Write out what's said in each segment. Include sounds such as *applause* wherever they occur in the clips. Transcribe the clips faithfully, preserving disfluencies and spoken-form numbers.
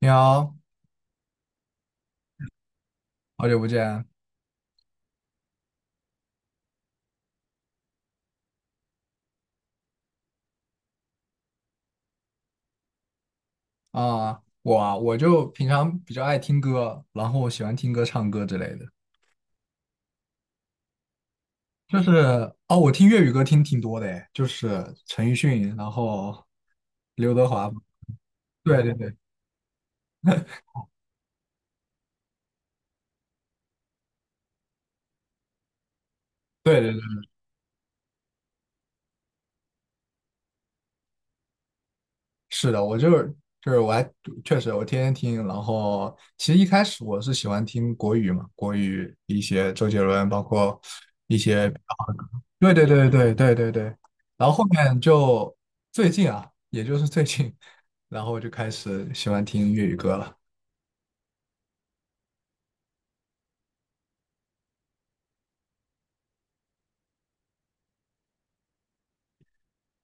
你好，好久不见啊！我啊我就平常比较爱听歌，然后喜欢听歌、唱歌之类的。就是哦，我听粤语歌听挺多的诶，就是陈奕迅，然后刘德华。对对对对对对，是的，我就是就是我还确实我天天听。然后其实一开始我是喜欢听国语嘛，国语一些周杰伦，包括一些。对对对对对对对，然后后面就最近啊，也就是最近，然后我就开始喜欢听粤语歌了。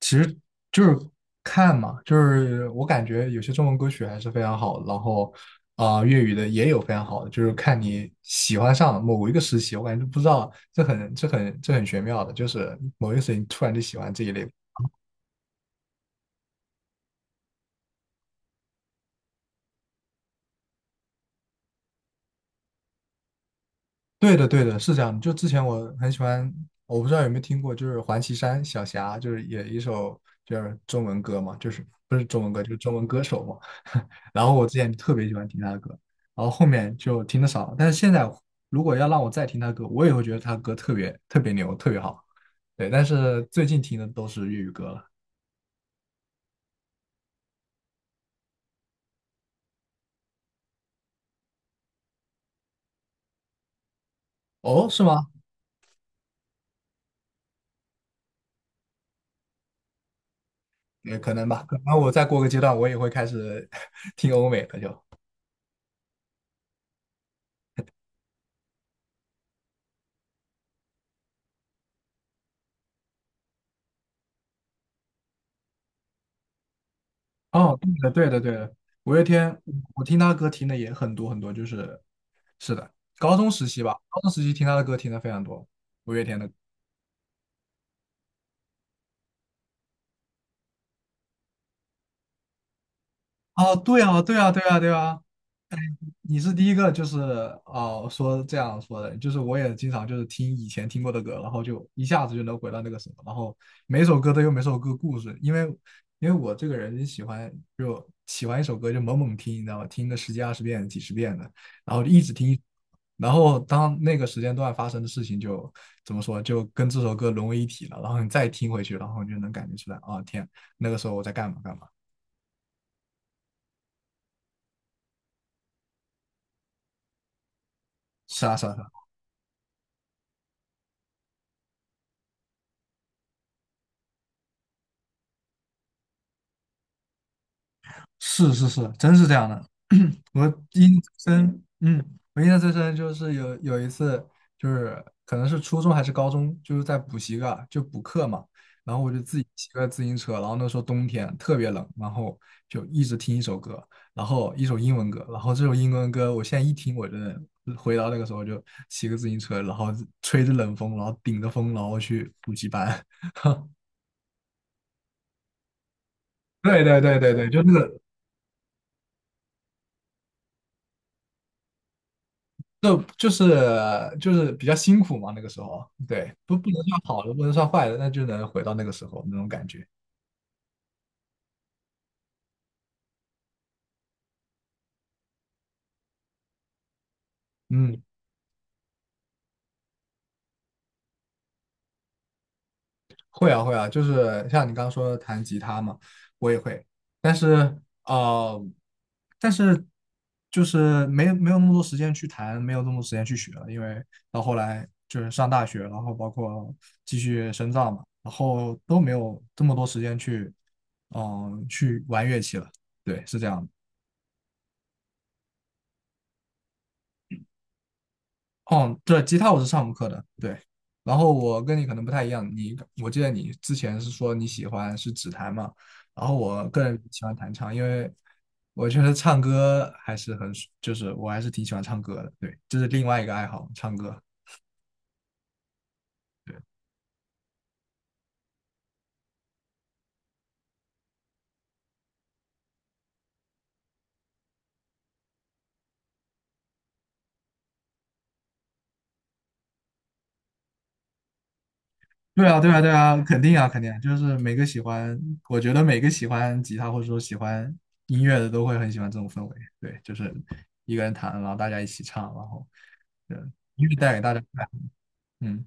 其实就是看嘛，就是我感觉有些中文歌曲还是非常好的，然后啊、呃粤语的也有非常好的，就是看你喜欢上某一个时期，我感觉不知道这很这很这很玄妙的，就是某一个时期你突然就喜欢这一类。对的，对的，是这样的。就之前我很喜欢，我不知道有没有听过，就是黄绮珊小霞，就是也一首就是中文歌嘛，就是不是中文歌，就是中文歌手嘛。*laughs* 然后我之前特别喜欢听她的歌，然后后面就听的少了。但是现在如果要让我再听她歌，我也会觉得她歌特别特别牛，特别好。对，但是最近听的都是粤语歌了。哦，是吗？也可能吧，可能我再过个阶段，我也会开始 *laughs* 听欧美的就。哦，对的，对的，对的，五月天，我听他的歌听的也很多很多，就是是的，高中时期吧，高中时期听他的歌听的非常多，五月天的。哦，对啊，对啊，对啊，对啊，你是第一个，就是哦、呃说这样说的，就是我也经常就是听以前听过的歌，然后就一下子就能回到那个什么，然后每首歌都有每首歌故事，因为因为我这个人喜欢就喜欢一首歌就猛猛听，你知道吧？听个十几二十遍、几十遍的，然后就一直听，然后当那个时间段发生的事情就怎么说，就跟这首歌融为一体了，然后你再听回去，然后你就能感觉出来，啊、天，那个时候我在干嘛干嘛，是啊是啊。是啊，是是是，真是这样的。*clears throat* 我印象最深嗯，我印象最深就是有有一次，就是可能是初中还是高中，就是在补习个就补课嘛，然后我就自己骑个自行车，然后那时候冬天特别冷，然后就一直听一首歌，然后一首英文歌，然后这首英文歌我现在一听，我真的回到那个时候就骑个自行车，然后吹着冷风，然后顶着风，然后去补习班。*laughs* 对对对对对，就是就就是就是比较辛苦嘛，那个时候，对，不不能算好的，不能算坏的，那就能回到那个时候那种感觉。嗯，会啊会啊，就是像你刚刚说的弹吉他嘛，我也会，但是啊，但是就是没有没有那么多时间去弹，没有那么多时间去学了，因为到后来就是上大学，然后包括继续深造嘛，然后都没有这么多时间去嗯、呃去玩乐器了。对，是这样的。哦，对，吉他我是上过课的，对。然后我跟你可能不太一样，你我记得你之前是说你喜欢是指弹嘛，然后我个人喜欢弹唱，因为我觉得唱歌还是很，就是我还是挺喜欢唱歌的，对，这是另外一个爱好，唱歌。对，对啊，对啊，对啊，肯定啊，肯定啊就是每个喜欢，我觉得每个喜欢吉他或者说喜欢音乐的都会很喜欢这种氛围，对，就是一个人弹，然后大家一起唱，然后，对，音乐带给大家快乐，嗯。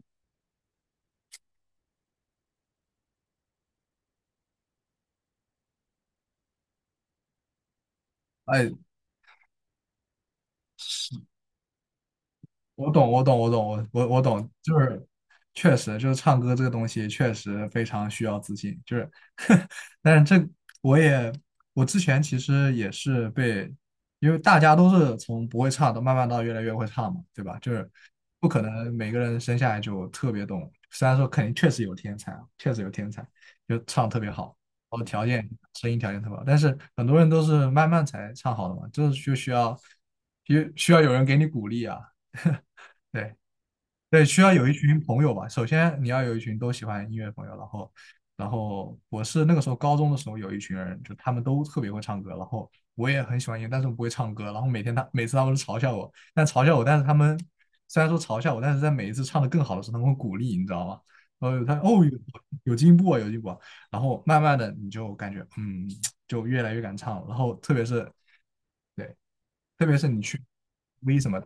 哎，是，我懂，我懂，我懂，我我我懂，就是确实就是唱歌这个东西确实非常需要自信，就是，*laughs* 但是这我也我之前其实也是被，因为大家都是从不会唱到慢慢到越来越会唱嘛，对吧？就是不可能每个人生下来就特别懂，虽然说肯定确实有天才啊，确实有天才，就唱特别好，然后条件声音条件特别好，但是很多人都是慢慢才唱好的嘛，就是就需要需需要有人给你鼓励啊。对，对，需要有一群朋友吧。首先你要有一群都喜欢音乐的朋友，然后，然后，我是那个时候高中的时候有一群人，就他们都特别会唱歌，然后我也很喜欢音乐，但是我不会唱歌。然后每天他每次他们都嘲笑我，但嘲笑我，但是他们虽然说嘲笑我，但是在每一次唱的更好的时候，他们会鼓励，你知道吗？然后他哦有有进步啊，有进步啊。然后慢慢的你就感觉嗯，就越来越敢唱了。然后特别是对，特别是你去 V 什么。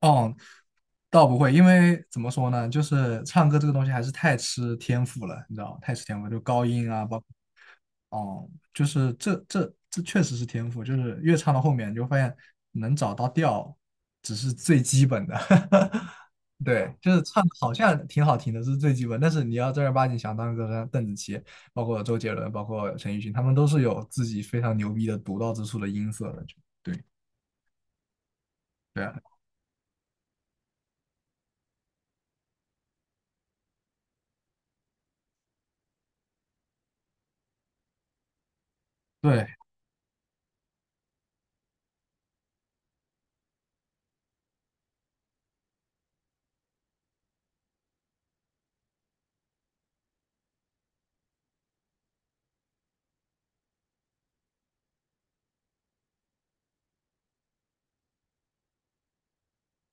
哦，倒不会，因为怎么说呢，就是唱歌这个东西还是太吃天赋了，你知道吗，太吃天赋，就高音啊，包哦，就是这这这确实是天赋，就是越唱到后面，你就发现能找到调只是最基本的，*laughs* 对，就是唱得好像挺好听的，这是最基本，但是你要正儿八经想当个像邓紫棋，包括周杰伦，包括陈奕迅，他们都是有自己非常牛逼的独到之处的音色的，就对，对啊。对，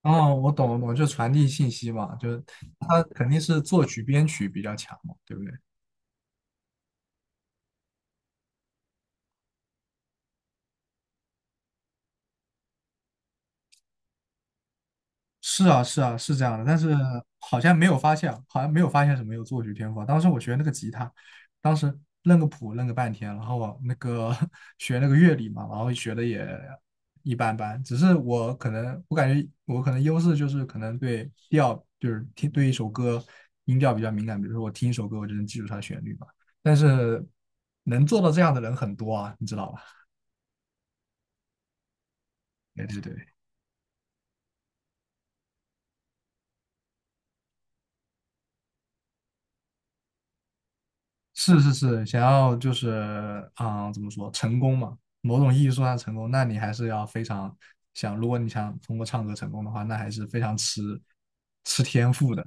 哦，我懂了，我懂就传递信息嘛，就是他肯定是作曲编曲比较强嘛，对不对？是啊，是啊，是这样的，但是好像没有发现，好像没有发现什么有作曲天赋啊。当时我学那个吉他，当时认个谱认个半天，然后我那个 *laughs* 学那个乐理嘛，然后学的也一般般。只是我可能，我感觉我可能优势就是可能对调，就是听对一首歌音调比较敏感。比如说我听一首歌，我就能记住它的旋律嘛。但是能做到这样的人很多啊，你知道吧？对对对，是是是，想要就是啊，怎么说成功嘛？某种意义说上成功，那你还是要非常想，如果你想通过唱歌成功的话，那还是非常吃吃天赋的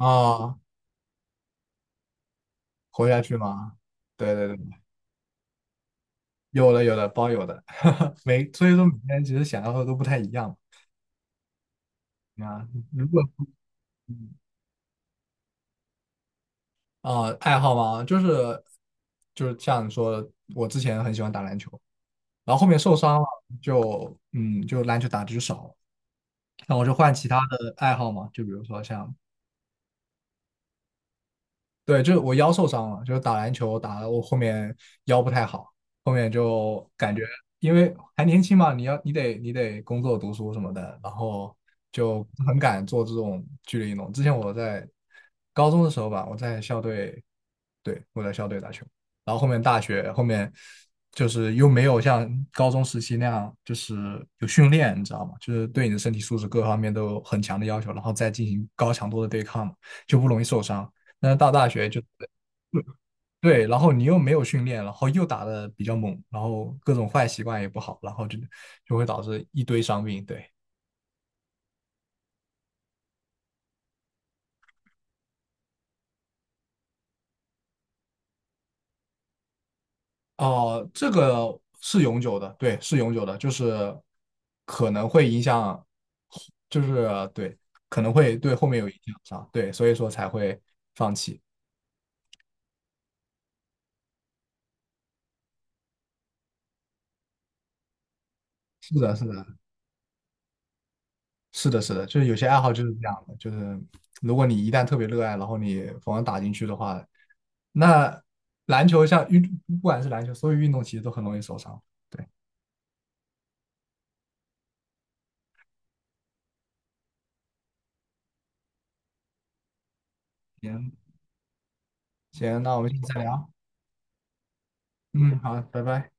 啊。活下去嘛，对对对，有的有的包有的，*laughs* 每所以说每天其实想要的都不太一样嘛啊。如果啊、呃爱好嘛，就是就是像你说的，我之前很喜欢打篮球。然后后面受伤了，就嗯，就篮球打的就少了，那我就换其他的爱好嘛，就比如说像，对，就是我腰受伤了，就是打篮球打的我后面腰不太好，后面就感觉因为还年轻嘛，你要你得你得工作读书什么的，然后就很敢做这种剧烈运动。之前我在高中的时候吧，我在校队。对，我在校队打球。然后后面大学后面就是又没有像高中时期那样，就是有训练，你知道吗？就是对你的身体素质各方面都有很强的要求，然后再进行高强度的对抗嘛，就不容易受伤。但是到大学就对，然后你又没有训练，然后又打的比较猛，然后各种坏习惯也不好，然后就就会导致一堆伤病。对，哦，这个是永久的，对，是永久的，就是可能会影响，就是对，可能会对后面有影响上，对，所以说才会放弃。是的，是的，是的，是的，就是有些爱好就是这样的，就是如果你一旦特别热爱，然后你疯狂打进去的话，那篮球像运，不管是篮球，所有运动其实都很容易受伤。对，行，行，那我们下次再聊。嗯，好，拜拜。